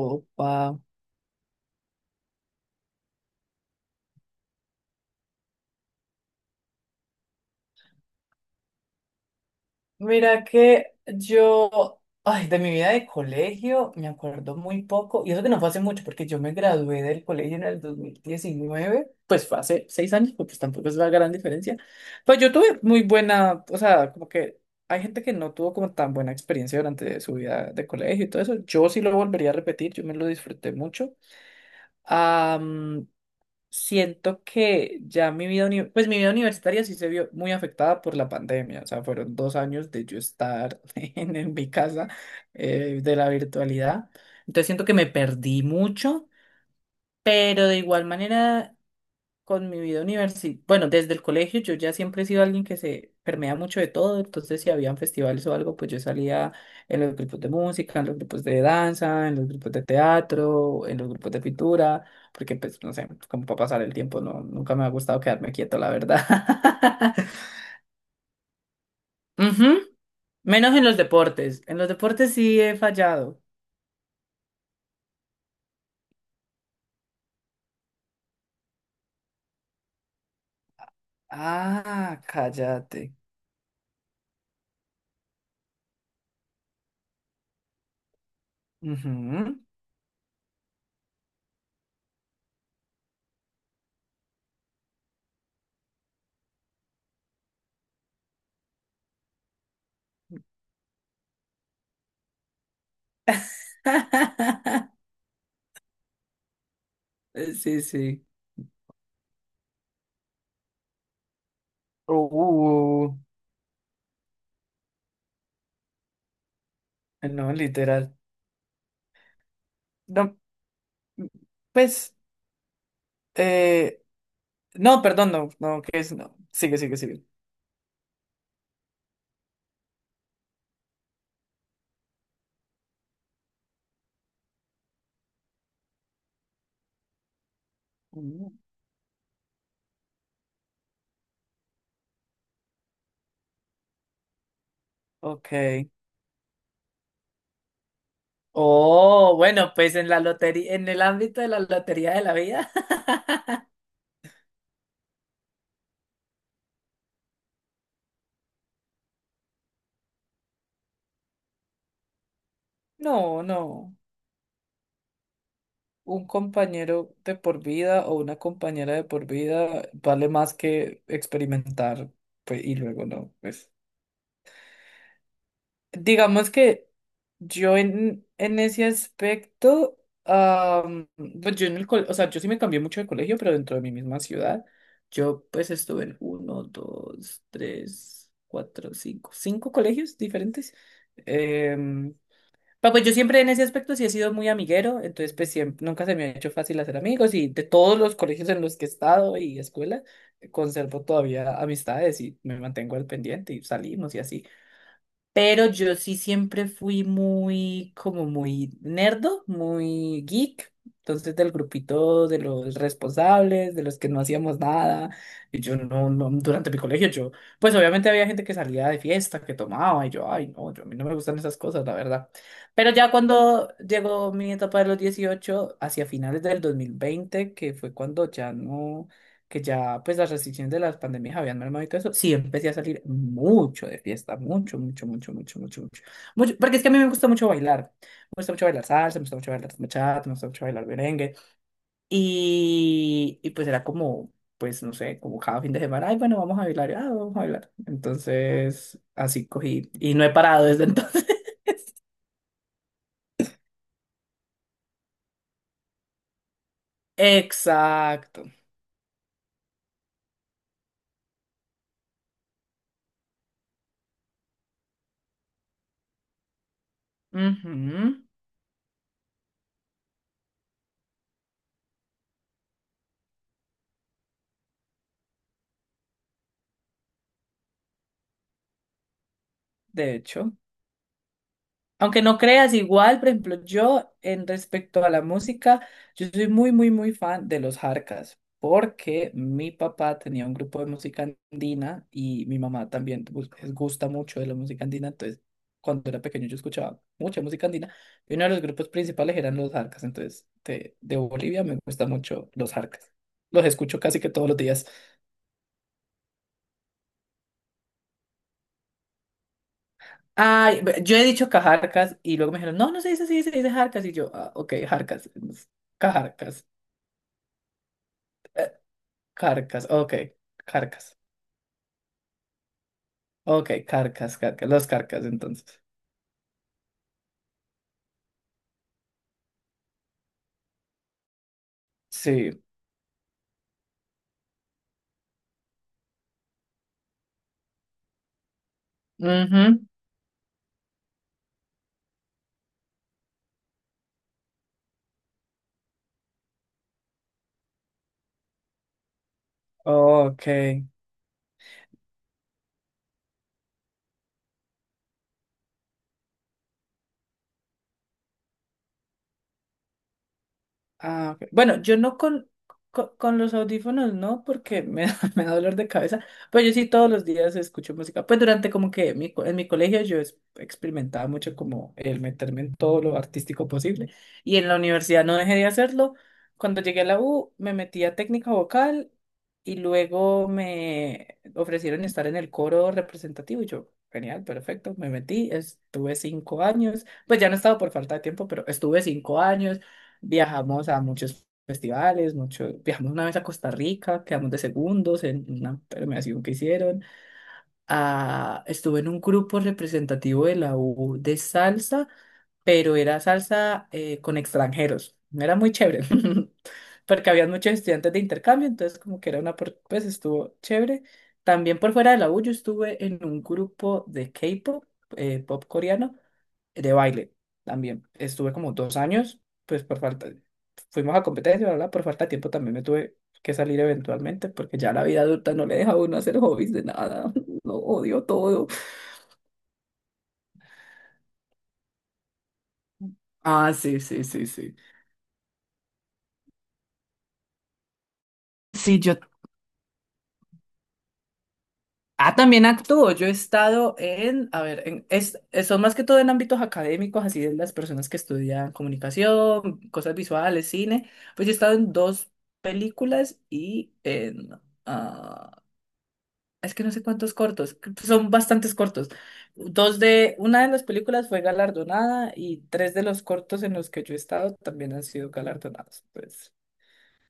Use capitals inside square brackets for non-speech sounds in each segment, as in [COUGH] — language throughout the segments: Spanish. Opa. Mira que yo, ay, de mi vida de colegio me acuerdo muy poco, y eso que no fue hace mucho, porque yo me gradué del colegio en el 2019, pues fue hace 6 años, porque pues tampoco es la gran diferencia. Pues yo tuve muy buena, o sea, como que hay gente que no tuvo como tan buena experiencia durante su vida de colegio y todo eso. Yo sí lo volvería a repetir, yo me lo disfruté mucho. Am, siento que ya pues mi vida universitaria sí se vio muy afectada por la pandemia, o sea, fueron 2 años de yo estar [LAUGHS] en mi casa, de la virtualidad, entonces siento que me perdí mucho, pero de igual manera con mi vida universitaria. Bueno, desde el colegio yo ya siempre he sido alguien que se permea mucho de todo, entonces si habían festivales o algo, pues yo salía en los grupos de música, en los grupos de danza, en los grupos de teatro, en los grupos de pintura, porque pues no sé, como para pasar el tiempo, no, nunca me ha gustado quedarme quieto, la verdad. [LAUGHS] Ujú. Menos en los deportes sí he fallado. Ah, cállate. Ujú. [LAUGHS] Sí, sí. Uh. No, literal. No, pues, eh, no, perdón, no, no, que es, no. Sigue, sigue, sigue. Mm, ok. Oh, bueno, pues en la lotería, en el ámbito de la lotería de la vida. [LAUGHS] No, no. Un compañero de por vida o una compañera de por vida vale más que experimentar, pues, y luego no, pues. Digamos que yo en ese aspecto, pues yo o sea, yo sí me cambié mucho de colegio, pero dentro de mi misma ciudad. Yo pues estuve en uno, dos, tres, cuatro, cinco, cinco colegios diferentes. Em, pero pues yo siempre en ese aspecto sí he sido muy amiguero, entonces pues siempre, nunca se me ha hecho fácil hacer amigos, y de todos los colegios en los que he estado y escuela, conservo todavía amistades y me mantengo al pendiente y salimos y así. Pero yo sí siempre fui muy, como muy nerdo, muy geek. Entonces, del grupito de los responsables, de los que no hacíamos nada. Y yo no, no, durante mi colegio, yo, pues obviamente había gente que salía de fiesta, que tomaba, y yo, ay, no, yo, a mí no me gustan esas cosas, la verdad. Pero ya cuando llegó mi etapa de los 18, hacia finales del 2020, que fue cuando ya no, que ya pues las restricciones de las pandemias habían mermado y todo eso, sí empecé a salir mucho de fiesta, mucho, mucho, mucho, mucho, mucho, mucho, mucho, porque es que a mí me gusta mucho bailar, me gusta mucho bailar salsa, me gusta mucho bailar bachata, me gusta mucho bailar merengue, y pues era como, pues no sé, como cada fin de semana, ay, bueno, vamos a bailar, ah, vamos a bailar, entonces así cogí, y no he parado desde entonces. [LAUGHS] Exacto. Ujú. De hecho. Aunque no creas igual, por ejemplo, yo en respecto a la música, yo soy muy, muy, muy fan de los Jarcas, porque mi papá tenía un grupo de música andina y mi mamá también les gusta mucho de la música andina, entonces cuando era pequeño yo escuchaba mucha música andina y uno de los grupos principales eran los Jarcas, entonces de Bolivia me gustan mucho los Jarcas, los escucho casi que todos los días. Ay, yo he dicho cajarcas y luego me dijeron, no, no se dice así, se dice jarcas. Y yo, ah, ok, jarcas, entonces, cajarcas. Carcas, ok, carcas, ok, carcas, carcas, los carcas entonces. Sí. Ujú. Ok. Ah, ok. Bueno, yo no con, los audífonos, no, porque me da, [LAUGHS] me da dolor de cabeza, pero yo sí todos los días escucho música. Pues durante como que en mi colegio yo experimentaba mucho como el meterme en todo lo artístico posible, y en la universidad no dejé de hacerlo. Cuando llegué a la U me metí a técnica vocal, y luego me ofrecieron estar en el coro representativo y yo, genial, perfecto, me metí, estuve 5 años, pues ya no he estado por falta de tiempo, pero estuve 5 años. Viajamos a muchos festivales, mucho, viajamos una vez a Costa Rica, quedamos de segundos en una premiación que hicieron. Ah, estuve en un grupo representativo de la U de salsa, pero era salsa, con extranjeros. Era muy chévere, [LAUGHS] porque había muchos estudiantes de intercambio, entonces como que era una, pues estuvo chévere. También por fuera de la U yo estuve en un grupo de K-pop, pop coreano de baile también. Estuve como 2 años, pues por falta, fuimos a competencia, ¿verdad? Por falta de tiempo también me tuve que salir eventualmente, porque ya la vida adulta no le deja a uno hacer hobbies de nada. [LAUGHS] Lo odio todo. Ah, sí, sí, sí, sí. Sí, yo. Ah, también actúo. Yo he estado en, a ver, en, son más que todo en ámbitos académicos, así de las personas que estudian comunicación, cosas visuales, cine. Pues yo he estado en dos películas y en, ah es que no sé cuántos cortos, son bastantes cortos. Dos de, una de las películas fue galardonada, y tres de los cortos en los que yo he estado también han sido galardonados. Pues,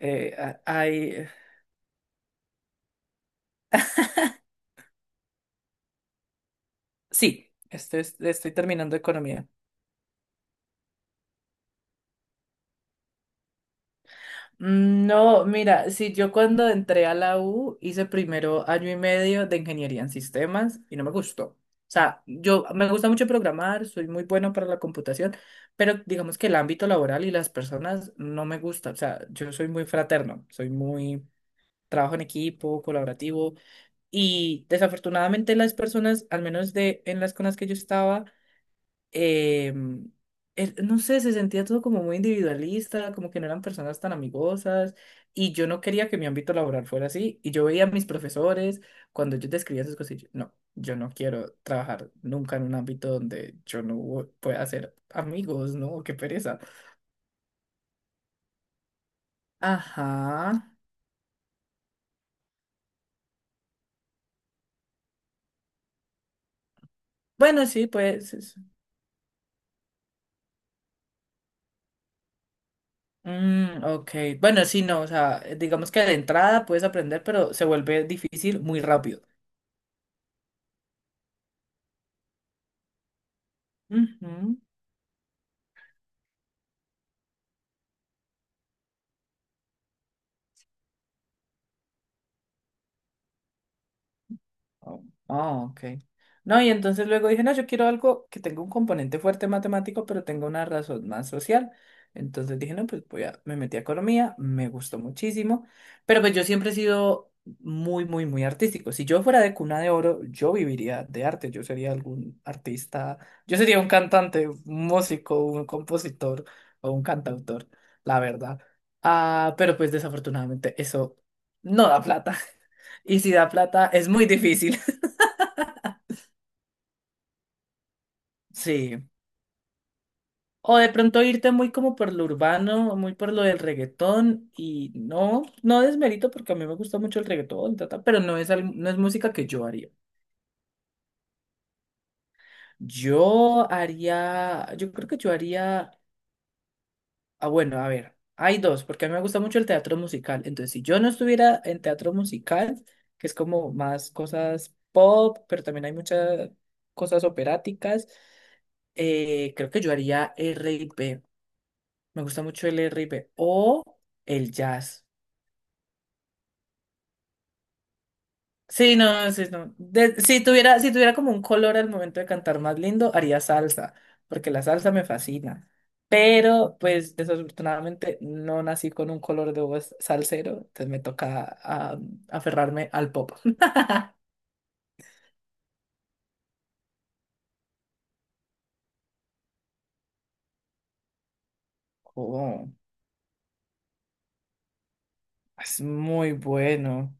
hay, sí, estoy terminando economía. No, mira, si yo cuando entré a la U hice primero año y medio de ingeniería en sistemas y no me gustó. O sea, yo me gusta mucho programar, soy muy bueno para la computación, pero digamos que el ámbito laboral y las personas no me gusta. O sea, yo soy muy fraterno, soy muy trabajo en equipo, colaborativo, y desafortunadamente las personas, al menos de en las con las que yo estaba, eh, no sé, se sentía todo como muy individualista, como que no eran personas tan amigosas, y yo no quería que mi ámbito laboral fuera así, y yo veía a mis profesores cuando yo describía esas cosas, y yo, no, yo no quiero trabajar nunca en un ámbito donde yo no pueda hacer amigos, ¿no? Qué pereza. Ajá. Bueno, sí, pues. Mm, ok. Bueno, sí, no, o sea, digamos que de entrada puedes aprender, pero se vuelve difícil muy rápido. Ujú. Oh, oh, ok. No, y entonces luego dije, no, yo quiero algo que tenga un componente fuerte matemático, pero tenga una razón más social. Entonces dije, no, pues voy a, me metí a economía, me gustó muchísimo, pero pues yo siempre he sido muy, muy, muy artístico. Si yo fuera de cuna de oro, yo viviría de arte, yo sería algún artista, yo sería un cantante, un músico, un compositor o un cantautor, la verdad. Ah, pero pues desafortunadamente eso no da plata. [LAUGHS] Y si da plata, es muy difícil. Sí. O de pronto irte muy como por lo urbano, muy por lo del reggaetón, y no, no desmerito porque a mí me gusta mucho el reggaetón, ta, ta, pero no es música que yo haría. Yo haría, yo creo que yo haría, bueno, a ver, hay dos, porque a mí me gusta mucho el teatro musical, entonces si yo no estuviera en teatro musical, que es como más cosas pop, pero también hay muchas cosas operáticas, creo que yo haría R R&B. Me gusta mucho el R&B o el jazz. Sí, no, sí, no. Si tuviera como un color al momento de cantar más lindo, haría salsa, porque la salsa me fascina. Pero, pues, desafortunadamente no nací con un color de voz salsero, entonces me toca, aferrarme al pop. [LAUGHS] Oh, es muy bueno.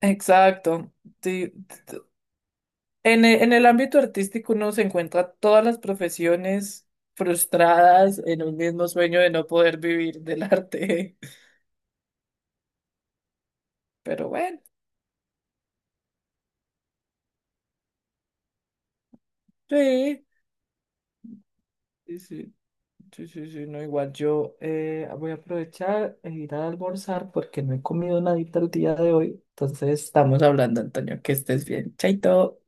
Exacto. Sí. En el ámbito artístico uno se encuentra todas las profesiones frustradas en un mismo sueño de no poder vivir del arte. [LAUGHS] Pero bueno, sí, sí, sí, sí, sí, sí, no, igual yo, voy a aprovechar e ir a almorzar porque no he comido nadita el día de hoy. Entonces estamos hablando, Antonio, que estés bien. Chaito.